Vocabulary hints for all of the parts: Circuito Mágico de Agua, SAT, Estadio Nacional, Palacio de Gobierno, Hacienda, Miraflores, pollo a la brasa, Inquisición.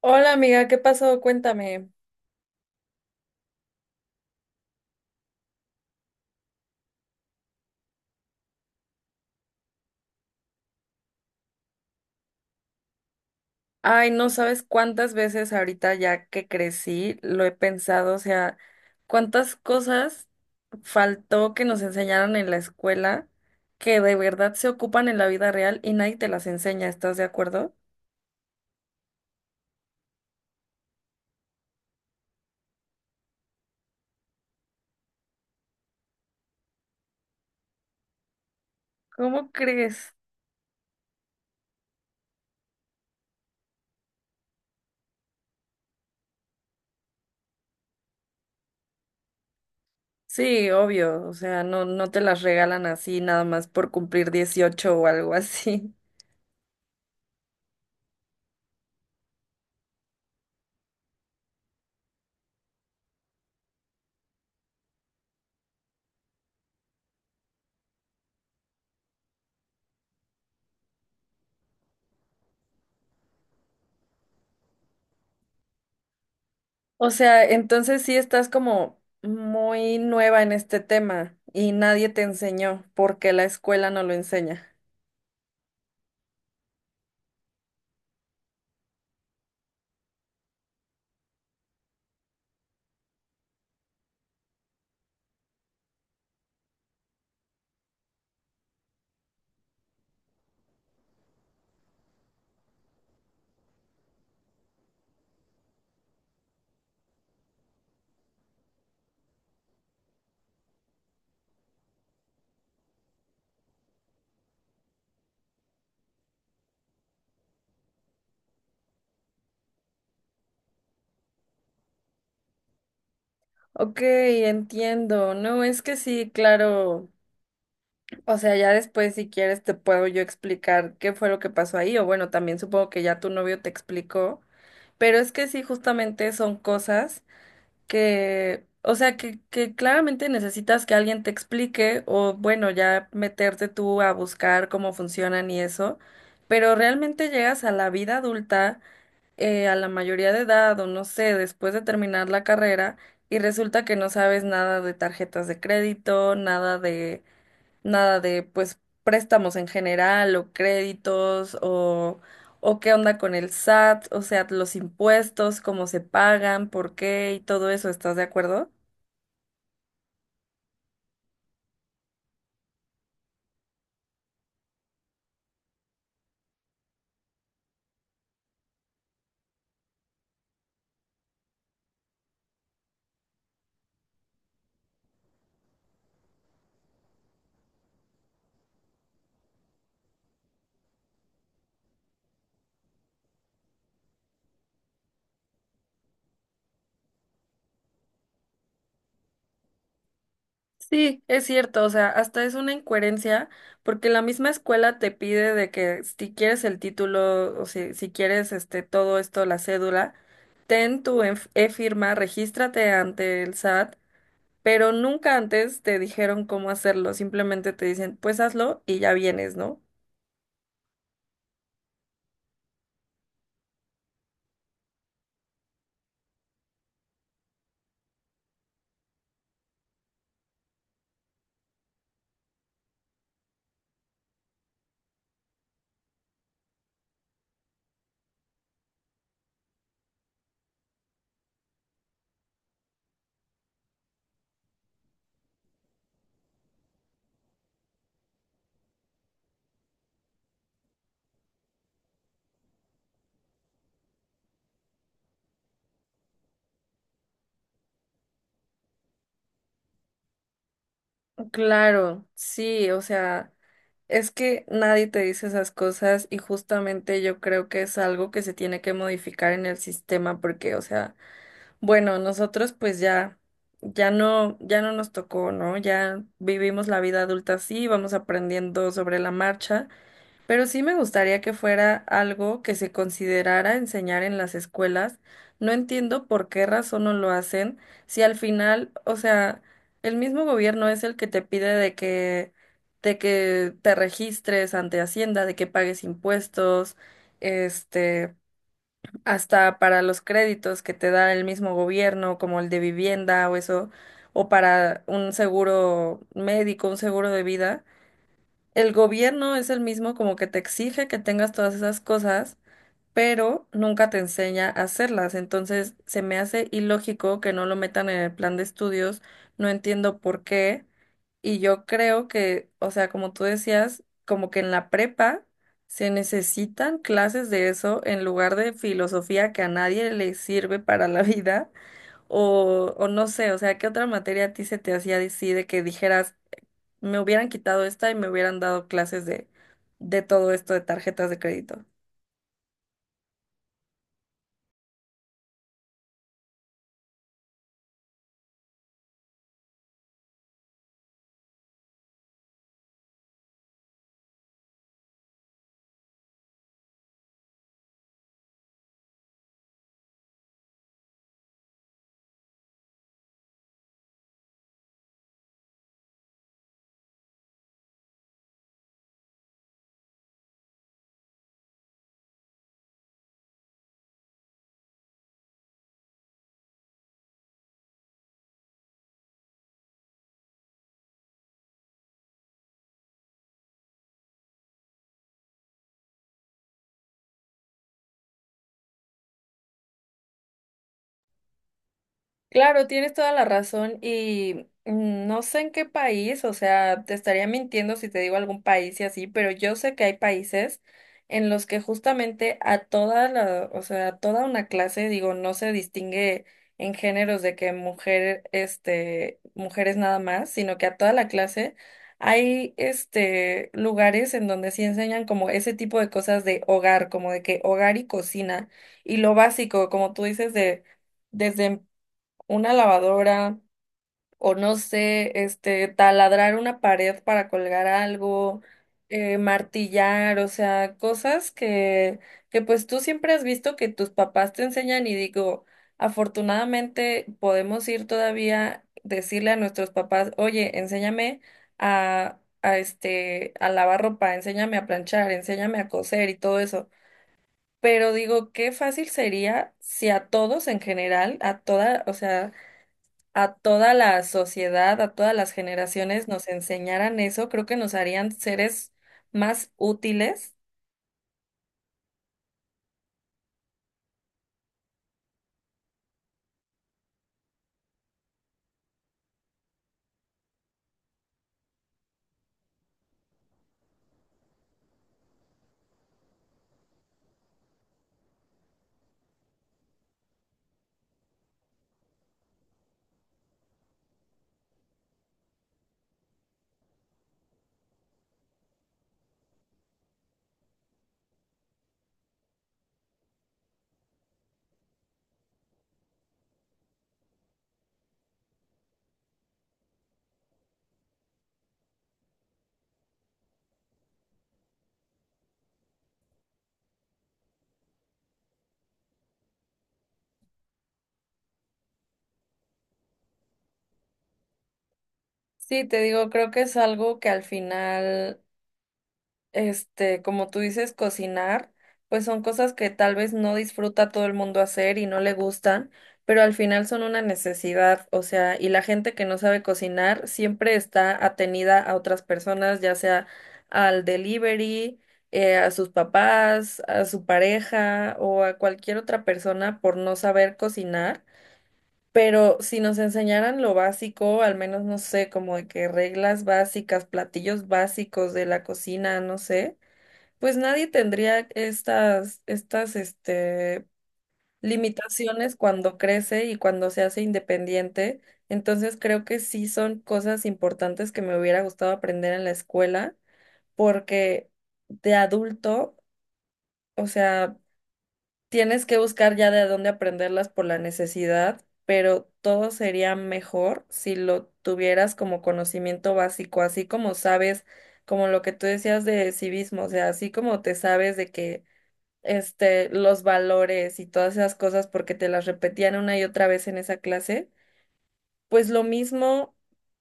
Hola amiga, ¿qué pasó? Cuéntame. Ay, no sabes cuántas veces ahorita ya que crecí lo he pensado, o sea, cuántas cosas faltó que nos enseñaran en la escuela que de verdad se ocupan en la vida real y nadie te las enseña, ¿estás de acuerdo? ¿Cómo crees? Sí, obvio, o sea, no te las regalan así nada más por cumplir 18 o algo así. O sea, entonces sí estás como muy nueva en este tema y nadie te enseñó porque la escuela no lo enseña. Ok, entiendo. No, es que sí, claro. O sea, ya después si quieres te puedo yo explicar qué fue lo que pasó ahí o bueno, también supongo que ya tu novio te explicó, pero es que sí, justamente son cosas que claramente necesitas que alguien te explique o bueno, ya meterte tú a buscar cómo funcionan y eso, pero realmente llegas a la vida adulta, a la mayoría de edad o no sé, después de terminar la carrera y resulta que no sabes nada de tarjetas de crédito, nada de pues préstamos en general o créditos o qué onda con el SAT, o sea, los impuestos, cómo se pagan, por qué y todo eso, ¿estás de acuerdo? Sí, es cierto, o sea, hasta es una incoherencia porque la misma escuela te pide de que si quieres el título o si quieres este todo esto, la cédula, ten tu e-firma, regístrate ante el SAT, pero nunca antes te dijeron cómo hacerlo, simplemente te dicen, pues hazlo y ya vienes, ¿no? Claro, sí, o sea, es que nadie te dice esas cosas y justamente yo creo que es algo que se tiene que modificar en el sistema porque, o sea, bueno, nosotros pues ya, ya no, ya no nos tocó, ¿no? Ya vivimos la vida adulta así, vamos aprendiendo sobre la marcha, pero sí me gustaría que fuera algo que se considerara enseñar en las escuelas. No entiendo por qué razón no lo hacen, si al final, o sea, el mismo gobierno es el que te pide de que te registres ante Hacienda, de que pagues impuestos, este, hasta para los créditos que te da el mismo gobierno, como el de vivienda o eso, o para un seguro médico, un seguro de vida. El gobierno es el mismo como que te exige que tengas todas esas cosas, pero nunca te enseña a hacerlas. Entonces, se me hace ilógico que no lo metan en el plan de estudios. No entiendo por qué. Y yo creo que, o sea, como tú decías, como que en la prepa se necesitan clases de eso en lugar de filosofía que a nadie le sirve para la vida. O no sé, o sea, ¿qué otra materia a ti se te hacía así de que dijeras? Me hubieran quitado esta y me hubieran dado clases de todo esto de tarjetas de crédito. Claro, tienes toda la razón y no sé en qué país, o sea, te estaría mintiendo si te digo algún país y así, pero yo sé que hay países en los que justamente a toda la, o sea, a toda una clase, digo, no se distingue en géneros de que mujer, este, mujeres nada más, sino que a toda la clase hay, este, lugares en donde sí enseñan como ese tipo de cosas de hogar, como de que hogar y cocina y lo básico, como tú dices, de desde una lavadora o no sé, este, taladrar una pared para colgar algo, martillar, o sea, cosas que pues tú siempre has visto que tus papás te enseñan y digo, afortunadamente podemos ir todavía, decirle a nuestros papás, oye, enséñame a este, a lavar ropa, enséñame a planchar, enséñame a coser y todo eso. Pero digo, qué fácil sería si a todos en general, a toda, o sea, a toda la sociedad, a todas las generaciones nos enseñaran eso, creo que nos harían seres más útiles. Sí, te digo, creo que es algo que al final este, como tú dices, cocinar, pues son cosas que tal vez no disfruta todo el mundo hacer y no le gustan, pero al final son una necesidad, o sea, y la gente que no sabe cocinar siempre está atenida a otras personas, ya sea al delivery, a sus papás, a su pareja o a cualquier otra persona por no saber cocinar. Pero si nos enseñaran lo básico, al menos no sé, como de que reglas básicas, platillos básicos de la cocina, no sé, pues nadie tendría estas limitaciones cuando crece y cuando se hace independiente. Entonces creo que sí son cosas importantes que me hubiera gustado aprender en la escuela, porque de adulto, o sea, tienes que buscar ya de dónde aprenderlas por la necesidad, pero todo sería mejor si lo tuvieras como conocimiento básico, así como sabes, como lo que tú decías de civismo, o sea, así como te sabes de que este, los valores y todas esas cosas porque te las repetían una y otra vez en esa clase, pues lo mismo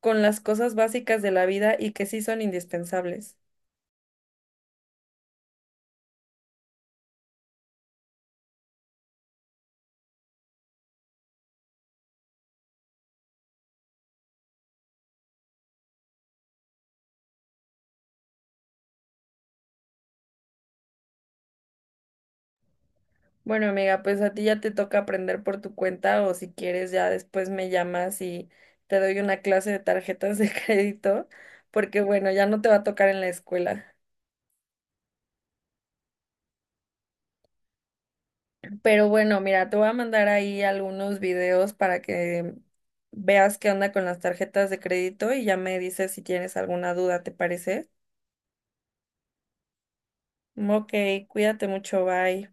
con las cosas básicas de la vida y que sí son indispensables. Bueno, amiga, pues a ti ya te toca aprender por tu cuenta o si quieres ya después me llamas y te doy una clase de tarjetas de crédito, porque bueno, ya no te va a tocar en la escuela. Pero bueno, mira, te voy a mandar ahí algunos videos para que veas qué onda con las tarjetas de crédito y ya me dices si tienes alguna duda, ¿te parece? Ok, cuídate mucho, bye.